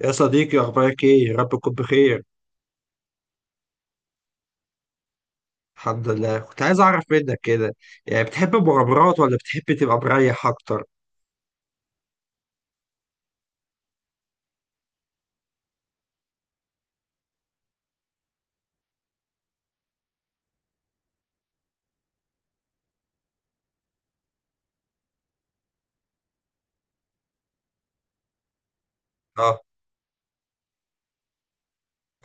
يا صديقي أخبارك إيه؟ يا رب تكون بخير. الحمد لله. كنت عايز أعرف منك كده، يعني بتحب المغامرات ولا بتحب تبقى مريح أكتر؟ أه.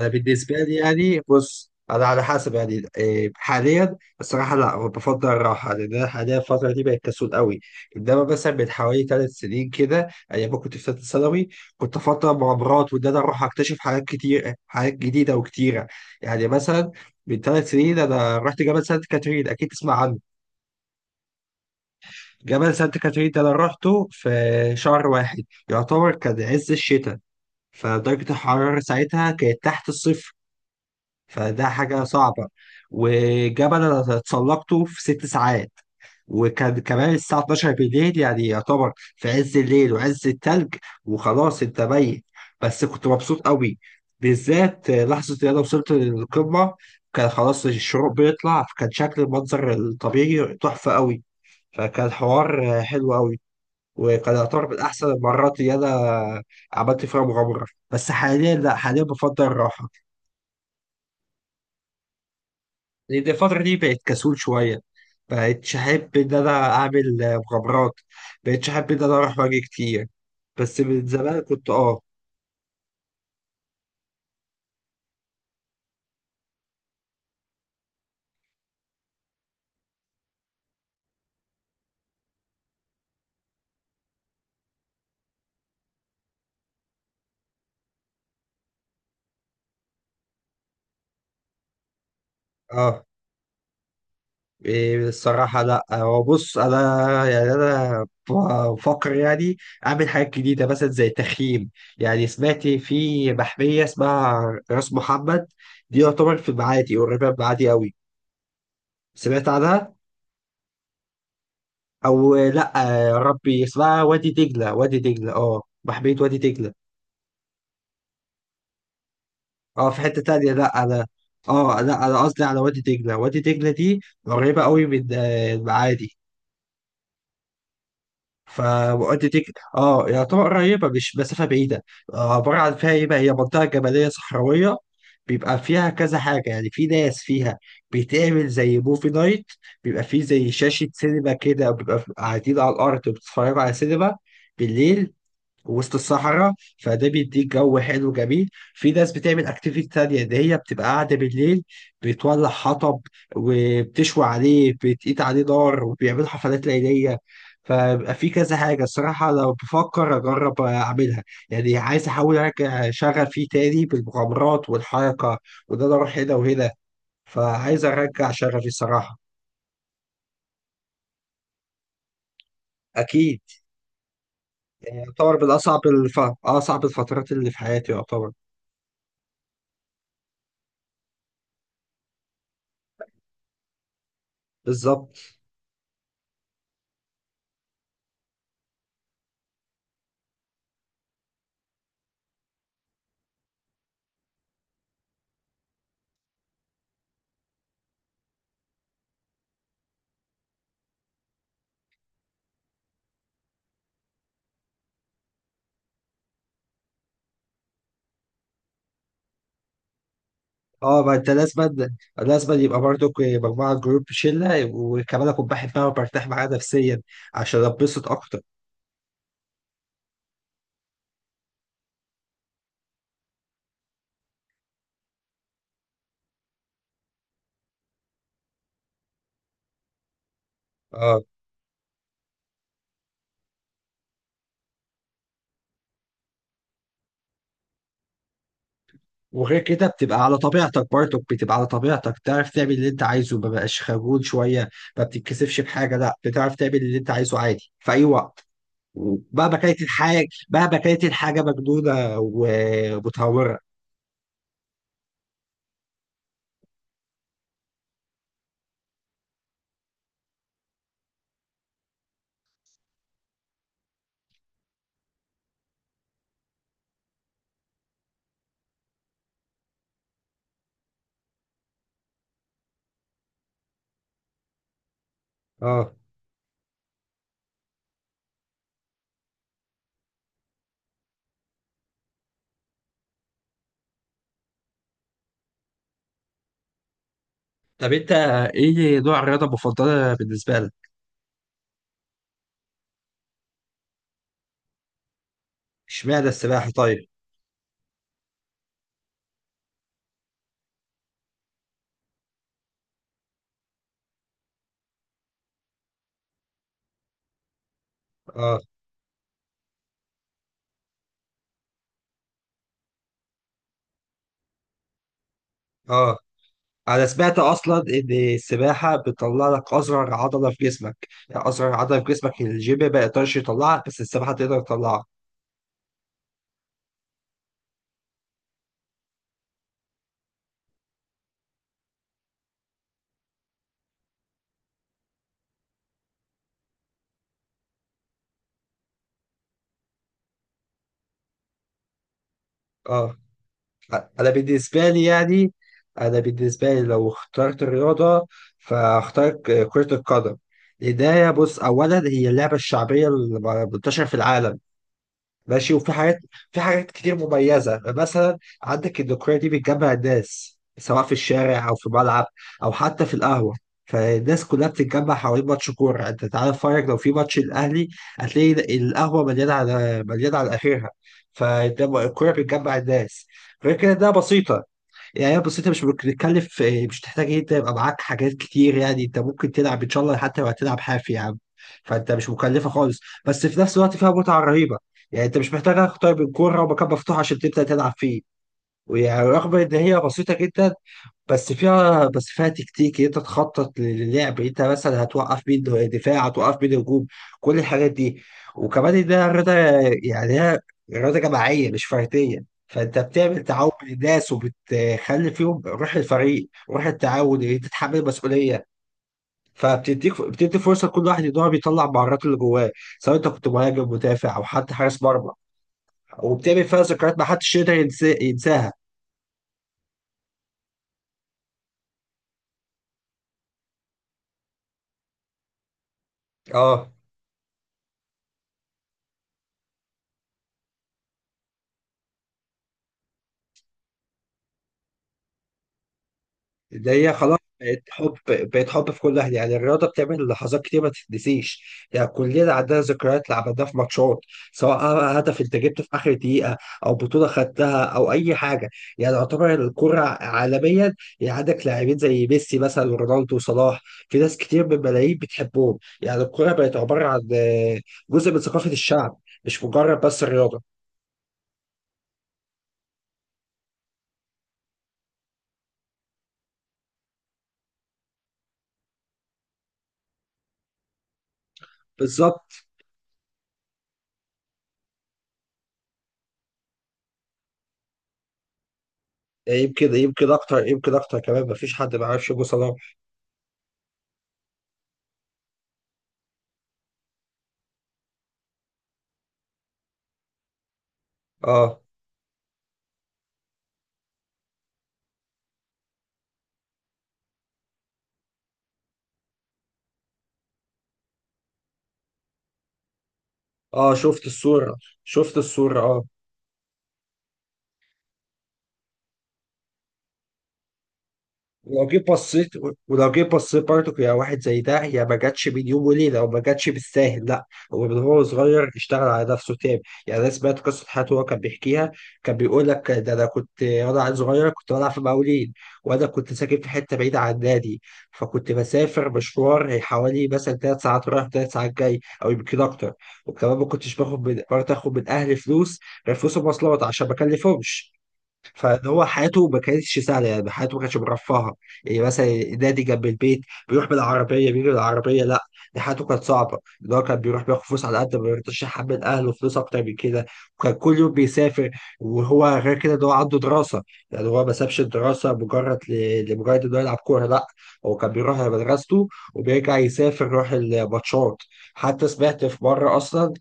أنا بالنسبة لي يعني بص، أنا على حسب يعني إيه، حاليا الصراحة لا بفضل الراحة، لأن أنا حاليا الفترة دي بقت كسول قوي. إنما مثلا من حوالي 3 سنين كده أيام ما كنت في ثالثة ثانوي كنت أفضل المغامرات وإن أنا أروح أكتشف حاجات كتير حاجات جديدة وكتيرة. يعني مثلا من 3 سنين أنا رحت جبل سانت كاترين، أكيد تسمع عنه. جبل سانت كاترين ده انا روحته في شهر واحد، يعتبر كان عز الشتاء. فدرجة الحرارة ساعتها كانت تحت الصفر، فده حاجة صعبة. وجبل انا اتسلقته في 6 ساعات، وكان كمان الساعة 12 بالليل، يعني يعتبر في عز الليل وعز التلج. وخلاص انت ميت، بس كنت مبسوط قوي، بالذات لحظة ان انا وصلت للقمة. كان خلاص الشروق بيطلع، فكان شكل المنظر الطبيعي تحفة قوي، فكان حوار حلو قوي. وكان يعتبر من أحسن المرات اللي أنا عملت فيها مغامرة. بس حاليا لأ، حاليا بفضل الراحة، لأن الفترة دي بقت كسول شوية. بقتش أحب إن أنا أعمل مغامرات، بقتش أحب إن أنا أروح وأجي كتير. بس من زمان كنت أه. إيه، الصراحة لأ، هو بص أنا يعني أنا بفكر يعني أعمل حاجات جديدة مثلا زي تخييم. يعني سمعت في محمية اسمها راس محمد، دي يعتبر في المعادي، قريبة من المعادي أوي. سمعت عنها او لا؟ يا ربي اسمها وادي دجله. وادي دجله اه بحبية وادي دجله. اه في حته تانية لا على، اه لا انا قصدي على وادي دجله. وادي دجله دي قريبه قوي من المعادي. فوادي دجله اه يعتبر قريبه، مش مسافه بعيده. عباره عن فيها ايه بقى، هي منطقه جبليه صحراويه، بيبقى فيها كذا حاجه. يعني في ناس فيها بيتعمل زي موفي نايت، بيبقى فيه زي شاشه سينما كده، بيبقى قاعدين على الارض بتتفرجوا على سينما بالليل وسط الصحراء. فده بيديك جو حلو جميل. في ناس بتعمل اكتيفيتي تانية ان هي بتبقى قاعدة بالليل، بتولع حطب وبتشوي عليه، بتقيت عليه نار، وبيعملوا حفلات ليلية. فبقى في كذا حاجة الصراحة لو بفكر أجرب أعملها. يعني عايز أحاول أرجع شغفي تاني بالمغامرات والحركة، وده أنا أروح هنا وهنا، فعايز أرجع شغفي الصراحة. أكيد. يعني يعتبر من أصعب الفترات اللي في حياتي يعتبر. بالظبط. اه ما انت لازم، لازم يبقى برضك مجموعه جروب شله، وكمان اكون بحبها وبرتاح معاها نفسيا، عشان اتبسط اكتر. اه. وغير كده بتبقى على طبيعتك، برضك بتبقى على طبيعتك، تعرف تعمل اللي انت عايزه، ما بقاش خجول شويه، ما بتتكسفش بحاجه، لا بتعرف تعمل اللي انت عايزه عادي في اي وقت، مهما كانت الحاجه، مهما كانت الحاجه مجنونه ومتهوره. اه. طب انت ايه نوع الرياضه المفضله بالنسبه لك؟ اشمعنى السباحه طيب؟ اه. اه انا سمعت اصلا ان السباحه بتطلع لك اصغر عضله في جسمك، يعني اصغر عضله في جسمك الجيم ما يقدرش يطلعها، بس السباحه تقدر تطلعها. اه. انا بالنسبه لي يعني، انا بالنسبه لي لو اخترت الرياضه فاختار كره القدم. لأنها بص، اولا هي اللعبه الشعبيه المنتشره في العالم، ماشي. وفي حاجات، في حاجات كتير مميزة. مثلا عندك الذكرية دي بتجمع الناس، سواء في الشارع أو في ملعب أو حتى في القهوة، فالناس كلها بتتجمع حوالين ماتش كورة. أنت تعالى اتفرج لو في ماتش الأهلي، هتلاقي القهوة مليانة على مليانة على آخرها، فالكورة بتجمع الناس. غير كده ده بسيطة، يعني بس انت مش بتتكلف، مش تحتاج إيه، انت يبقى معاك حاجات كتير، يعني انت ممكن تلعب ان شاء الله حتى لو هتلعب حافي يا عم، فانت مش مكلفه خالص. بس في نفس الوقت فيها متعه رهيبه، يعني انت مش محتاج اكتر من كوره ومكان مفتوح عشان تبدا تلعب فيه. ورغم ان هي بسيطه جدا، بس فيها تكتيك، إيه، انت تخطط للعب، انت مثلا هتوقف مين دفاع، هتوقف مين هجوم، كل الحاجات دي. وكمان ده رياضه، يعني هي رياضه جماعيه مش فرديه، فانت بتعمل تعاون بين الناس، وبتخلي فيهم روح الفريق، روح التعاون، إيه، انت تتحمل مسؤوليه. بتدي فرصه لكل واحد ان هو بيطلع مهاراته اللي جواه، سواء انت كنت مهاجم، مدافع، او حتى حارس مرمى. وبتعمل فيها ذكريات ما حدش يقدر ينساها. اه. ده هي خلاص بقت حب في كل اهلي، يعني الرياضه بتعمل لحظات كتير ما تتنسيش. يعني كلنا عندنا ذكريات اللي عملناها في ماتشات، سواء هدف انت جبته في اخر دقيقه، او بطوله خدتها، او اي حاجه. يعني يعتبر الكره عالميا، يعني عندك لاعبين زي ميسي مثلا ورونالدو وصلاح، في ناس كتير من الملايين بتحبهم. يعني الكره بقت عباره عن جزء من ثقافه الشعب، مش مجرد بس الرياضه. بالظبط. يمكن اكتر كمان، مفيش حد ما يعرفش ابو صلاح. اه. اه شفت الصورة. اه. ولو جيت بصيت ولو جيت بصيت برضك، يا واحد زي ده، يا ما جاتش بين يوم وليلة، وما جاتش بالساهل، لا. هو صغير اشتغل على نفسه تاني. يعني أنا سمعت قصة حياته، هو كان بيحكيها. كان بيقول لك ده أنا كنت وأنا عيل صغير كنت بلعب في مقاولين، وأنا كنت ساكن في حتة بعيدة عن النادي، فكنت بسافر مشوار حوالي مثلا 3 ساعات رايح 3 ساعات جاي، أو يمكن أكتر. وكمان ما كنتش باخد من برضه آخد من أهلي فلوس، غير فلوس المواصلات عشان ما أكلفهمش. فاللي هو حياته ما كانتش سهله، يعني حياته ما كانتش مرفهه. يعني مثلا النادي جنب البيت، بيروح بالعربيه بيجي بالعربيه، لا. دي حياته كانت صعبه، اللي هو كان بيروح بياخد فلوس على قد ما يرضاش يحمل اهله فلوس اكتر من كده. وكان كل يوم بيسافر. وهو غير كده ده هو عنده دراسه، يعني هو ما سابش الدراسه مجرد لمجرد انه يلعب كوره، لا. هو كان بيروح على مدرسته وبيرجع يسافر يروح الماتشات. حتى سمعت في مره اصلا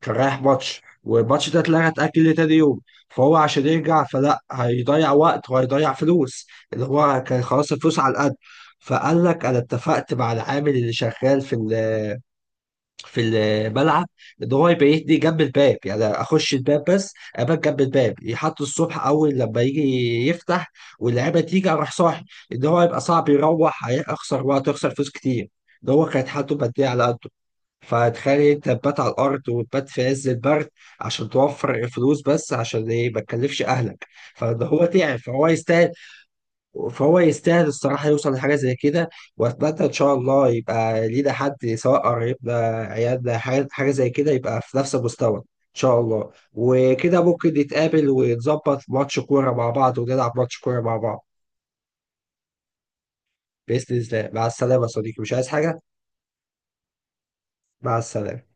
كان رايح ماتش، والماتش ده اتلغى اتأجل لتاني يوم، فهو عشان يرجع فلا هيضيع وقت وهيضيع فلوس، اللي هو كان خلاص الفلوس على القد. فقال لك انا اتفقت مع العامل اللي شغال في في الملعب، ان هو يبيتني جنب الباب، يعني اخش الباب بس ابات جنب الباب، يحط الصبح اول لما يجي يفتح واللعيبه تيجي اروح صاحي. ان هو يبقى صعب يروح، هيخسر وقت ويخسر فلوس كتير، ده هو كانت حالته الماديه على قده. فتخيل انت تبات على الارض وتبات في عز البرد، عشان توفر فلوس، بس عشان ايه، ما تكلفش اهلك. فده هو تعب فهو يستاهل. فهو يستاهل الصراحه يوصل لحاجه زي كده. واتمنى ان شاء الله يبقى لينا حد، سواء قريبنا، عيالنا، حاجة زي كده، يبقى في نفس المستوى ان شاء الله، وكده ممكن نتقابل ونظبط ماتش كوره مع بعض، ونلعب ماتش كوره مع بعض. باذن الله. مع السلامه يا صديقي، مش عايز حاجه. مع السلامه.